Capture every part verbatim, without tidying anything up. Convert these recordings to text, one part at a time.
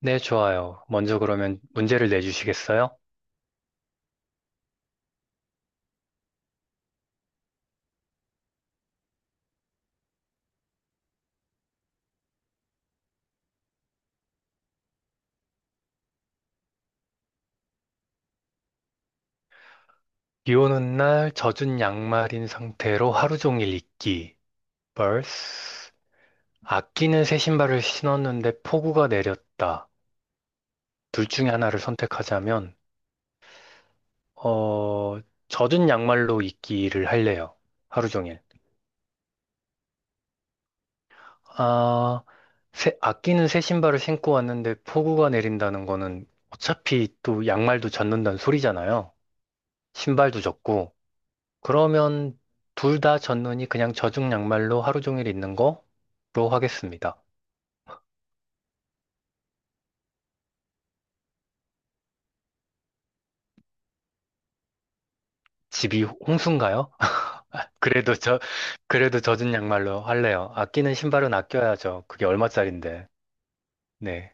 네, 좋아요. 먼저 그러면 문제를 내주시겠어요? 비 오는 날 젖은 양말인 상태로 하루 종일 있기. vs 아끼는 새 신발을 신었는데 폭우가 내렸다. 둘 중에 하나를 선택하자면, 어, 젖은 양말로 있기를 할래요. 하루 종일. 아, 새- 아끼는 새 신발을 신고 왔는데 폭우가 내린다는 거는 어차피 또 양말도 젖는다는 소리잖아요. 신발도 젖고. 그러면 둘 다 젖는이 그냥 젖은 양말로 하루 종일 있는 거로 하겠습니다. 집이 홍수인가요? 그래도 저, 그래도 젖은 양말로 할래요. 아끼는 신발은 아껴야죠. 그게 얼마짜린데. 네.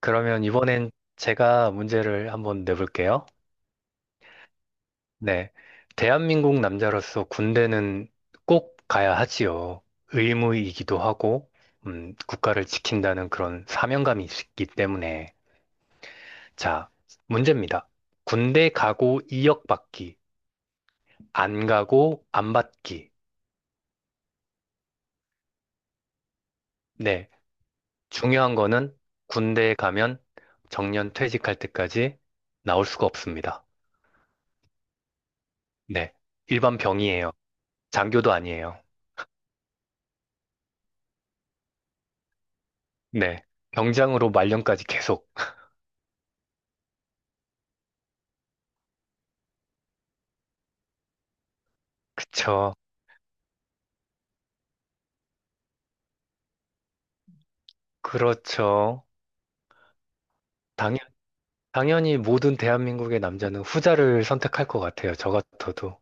그러면 이번엔 제가 문제를 한번 내볼게요. 네. 대한민국 남자로서 군대는 꼭 가야 하지요. 의무이기도 하고, 음, 국가를 지킨다는 그런 사명감이 있기 때문에. 자, 문제입니다. 군대 가고 이 억 받기, 안 가고 안 받기. 네, 중요한 거는 군대에 가면 정년 퇴직할 때까지 나올 수가 없습니다. 네, 일반 병이에요. 장교도 아니에요. 네, 병장으로 말년까지 계속. 그쵸, 그렇죠. 당연, 당연히 모든 대한민국의 남자는 후자를 선택할 것 같아요. 저 같아도.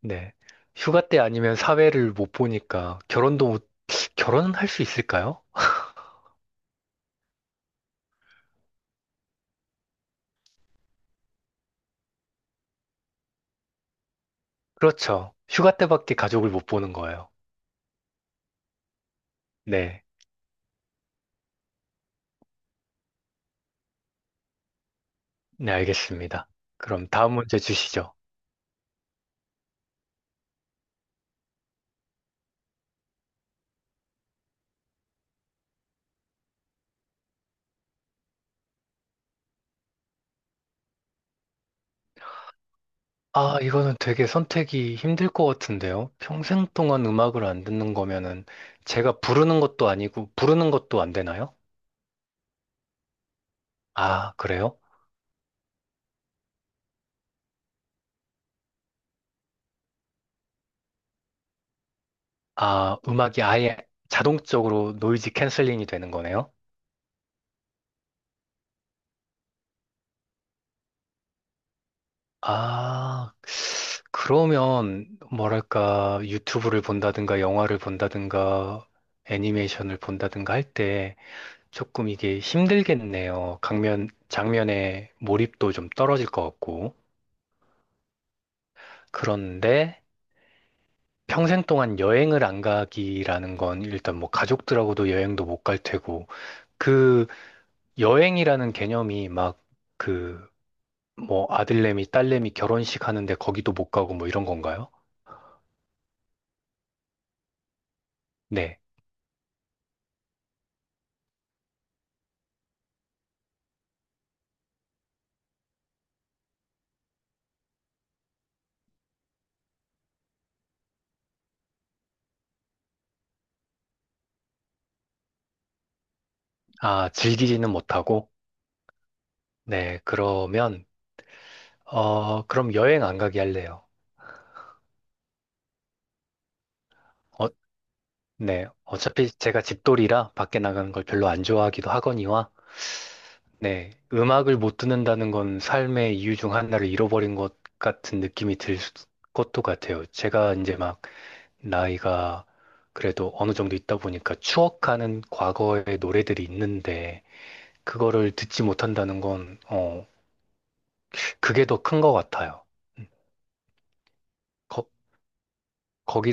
네. 휴가 때 아니면 사회를 못 보니까 결혼도 못, 결혼은 할 수 있을까요? 그렇죠. 휴가 때밖에 가족을 못 보는 거예요. 네. 네, 알겠습니다. 그럼 다음 문제 주시죠. 아, 이거는 되게 선택이 힘들 것 같은데요. 평생 동안 음악을 안 듣는 거면은 제가 부르는 것도 아니고 부르는 것도 안 되나요? 아, 그래요? 아, 음악이 아예 자동적으로 노이즈 캔슬링이 되는 거네요? 아, 그러면 뭐랄까 유튜브를 본다든가 영화를 본다든가 애니메이션을 본다든가 할 때 조금 이게 힘들겠네요. 강면 장면에 몰입도 좀 떨어질 것 같고. 그런데 평생 동안 여행을 안 가기라는 건 일단 뭐 가족들하고도 여행도 못 갈 테고 그 여행이라는 개념이 막 그 뭐 아들내미 딸내미 결혼식 하는데 거기도 못 가고 뭐 이런 건가요? 네. 아, 즐기지는 못하고 네, 그러면, 어, 그럼 여행 안 가게 할래요. 어, 네. 어차피 제가 집돌이라 밖에 나가는 걸 별로 안 좋아하기도 하거니와, 네. 음악을 못 듣는다는 건 삶의 이유 중 하나를 잃어버린 것 같은 느낌이 들 수- 것도 같아요. 제가 이제 막 나이가 그래도 어느 정도 있다 보니까 추억하는 과거의 노래들이 있는데, 그거를 듣지 못한다는 건, 어, 그게 더 큰 것 같아요. 음, 거-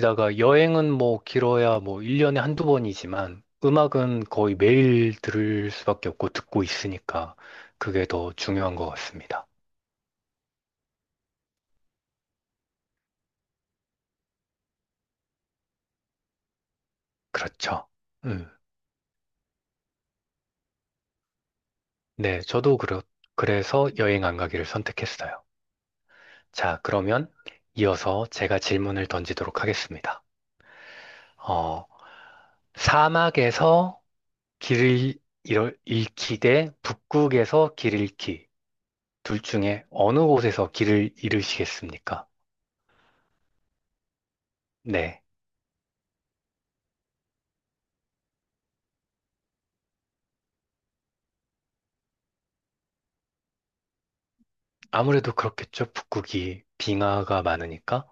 거기다가 여행은 뭐 길어야 뭐 일 년에 한두 번이지만 음악은 거의 매일 들을 수밖에 없고 듣고 있으니까 그게 더 중요한 것 같습니다. 그렇죠. 음. 네, 저도 그렇, 그래서 여행 안 가기를 선택했어요. 자, 그러면 이어서 제가 질문을 던지도록 하겠습니다. 어, 사막에서 길을 잃- 잃기 대 북극에서 길 잃기. 둘 중에 어느 곳에서 길을 잃으시겠습니까? 네. 아무래도 그렇겠죠. 북극이 빙하가 많으니까.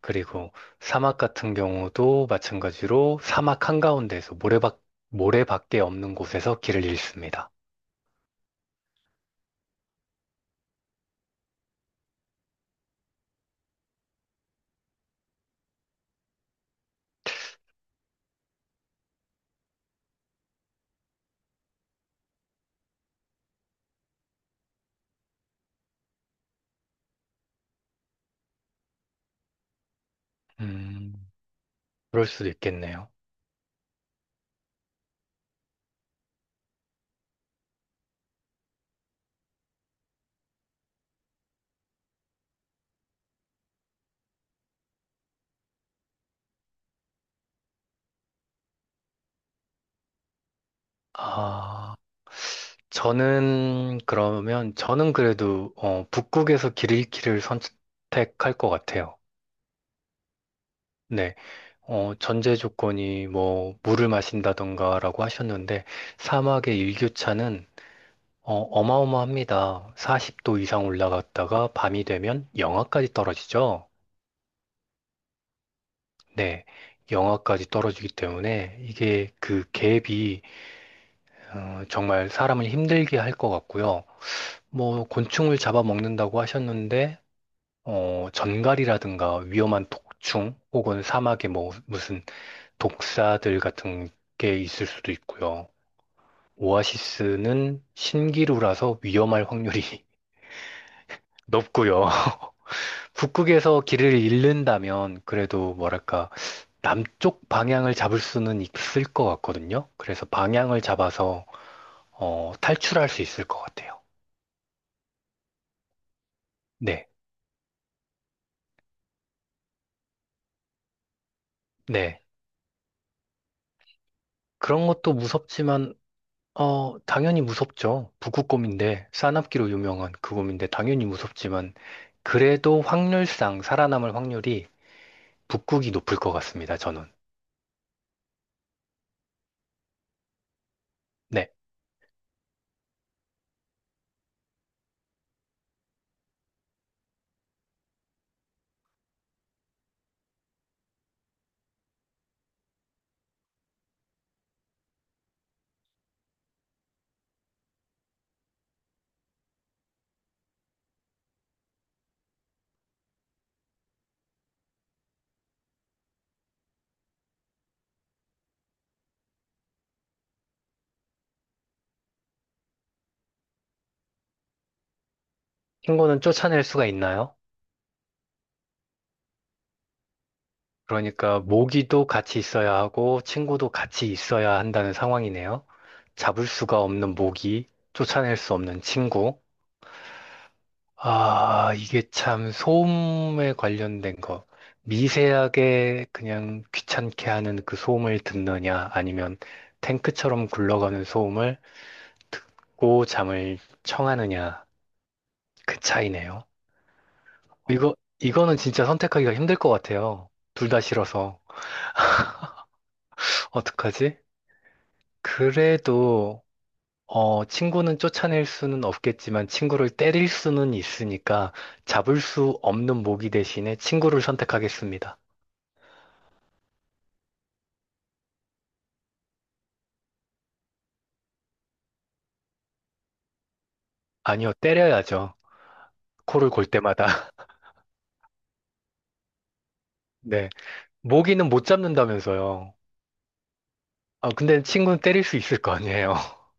그리고 사막 같은 경우도 마찬가지로 사막 한가운데에서 모래밖, 모래밖에 없는 곳에서 길을 잃습니다. 음, 그럴 수도 있겠네요. 아, 저는 그러면, 저는 그래도, 어, 북극에서 길 잃기를 선택할 것 같아요. 네, 어, 전제 조건이 뭐, 물을 마신다던가라고 하셨는데, 사막의 일교차는 어, 어마어마합니다. 사십 도 이상 올라갔다가 밤이 되면 영하까지 떨어지죠. 네, 영하까지 떨어지기 때문에 이게 그 갭이 어, 정말 사람을 힘들게 할 것 같고요. 뭐 곤충을 잡아먹는다고 하셨는데 어, 전갈이라든가 위험한 독충 혹은 사막에 뭐 무슨 독사들 같은 게 있을 수도 있고요. 오아시스는 신기루라서 위험할 확률이 높고요. 북극에서 길을 잃는다면 그래도 뭐랄까 남쪽 방향을 잡을 수는 있을 것 같거든요. 그래서 방향을 잡아서 어, 탈출할 수 있을 것 같아요. 네, 네. 그런 것도 무섭지만 어, 당연히 무섭죠. 북극곰인데 싸납기로 유명한 그 곰인데 당연히 무섭지만 그래도 확률상 살아남을 확률이 북극이 높을 것 같습니다. 저는. 네. 친구는 쫓아낼 수가 있나요? 그러니까 모기도 같이 있어야 하고 친구도 같이 있어야 한다는 상황이네요. 잡을 수가 없는 모기, 쫓아낼 수 없는 친구. 아, 이게 참 소음에 관련된 거. 미세하게 그냥 귀찮게 하는 그 소음을 듣느냐, 아니면 탱크처럼 굴러가는 소음을 듣고 잠을 청하느냐, 그 차이네요. 이거, 이거는 진짜 선택하기가 힘들 것 같아요. 둘 다 싫어서. 어떡하지? 그래도 어, 친구는 쫓아낼 수는 없겠지만 친구를 때릴 수는 있으니까 잡을 수 없는 모기 대신에 친구를 선택하겠습니다. 아니요, 때려야죠. 코를 골 때마다. 네. 모기는 못 잡는다면서요. 아, 근데 친구는 때릴 수 있을 거 아니에요.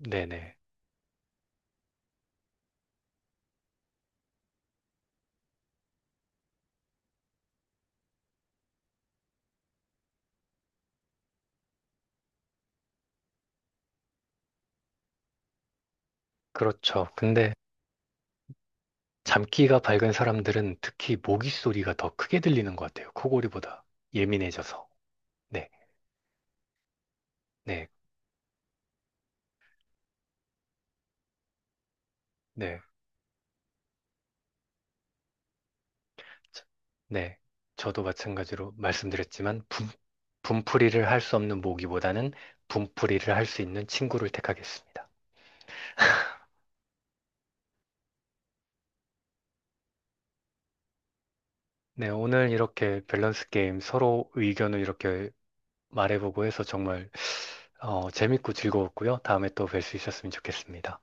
네네. 그렇죠. 근데 잠귀가 밝은 사람들은 특히 모기 소리가 더 크게 들리는 것 같아요. 코골이보다 예민해져서. 네. 네. 네. 네, 저도 마찬가지로 말씀드렸지만 분, 분풀이를 할 수 없는 모기보다는 분풀이를 할 수 있는 친구를 택하겠습니다. 네, 오늘 이렇게 밸런스 게임 서로 의견을 이렇게 말해보고 해서 정말 어, 재밌고 즐거웠고요. 다음에 또 뵐 수 있었으면 좋겠습니다.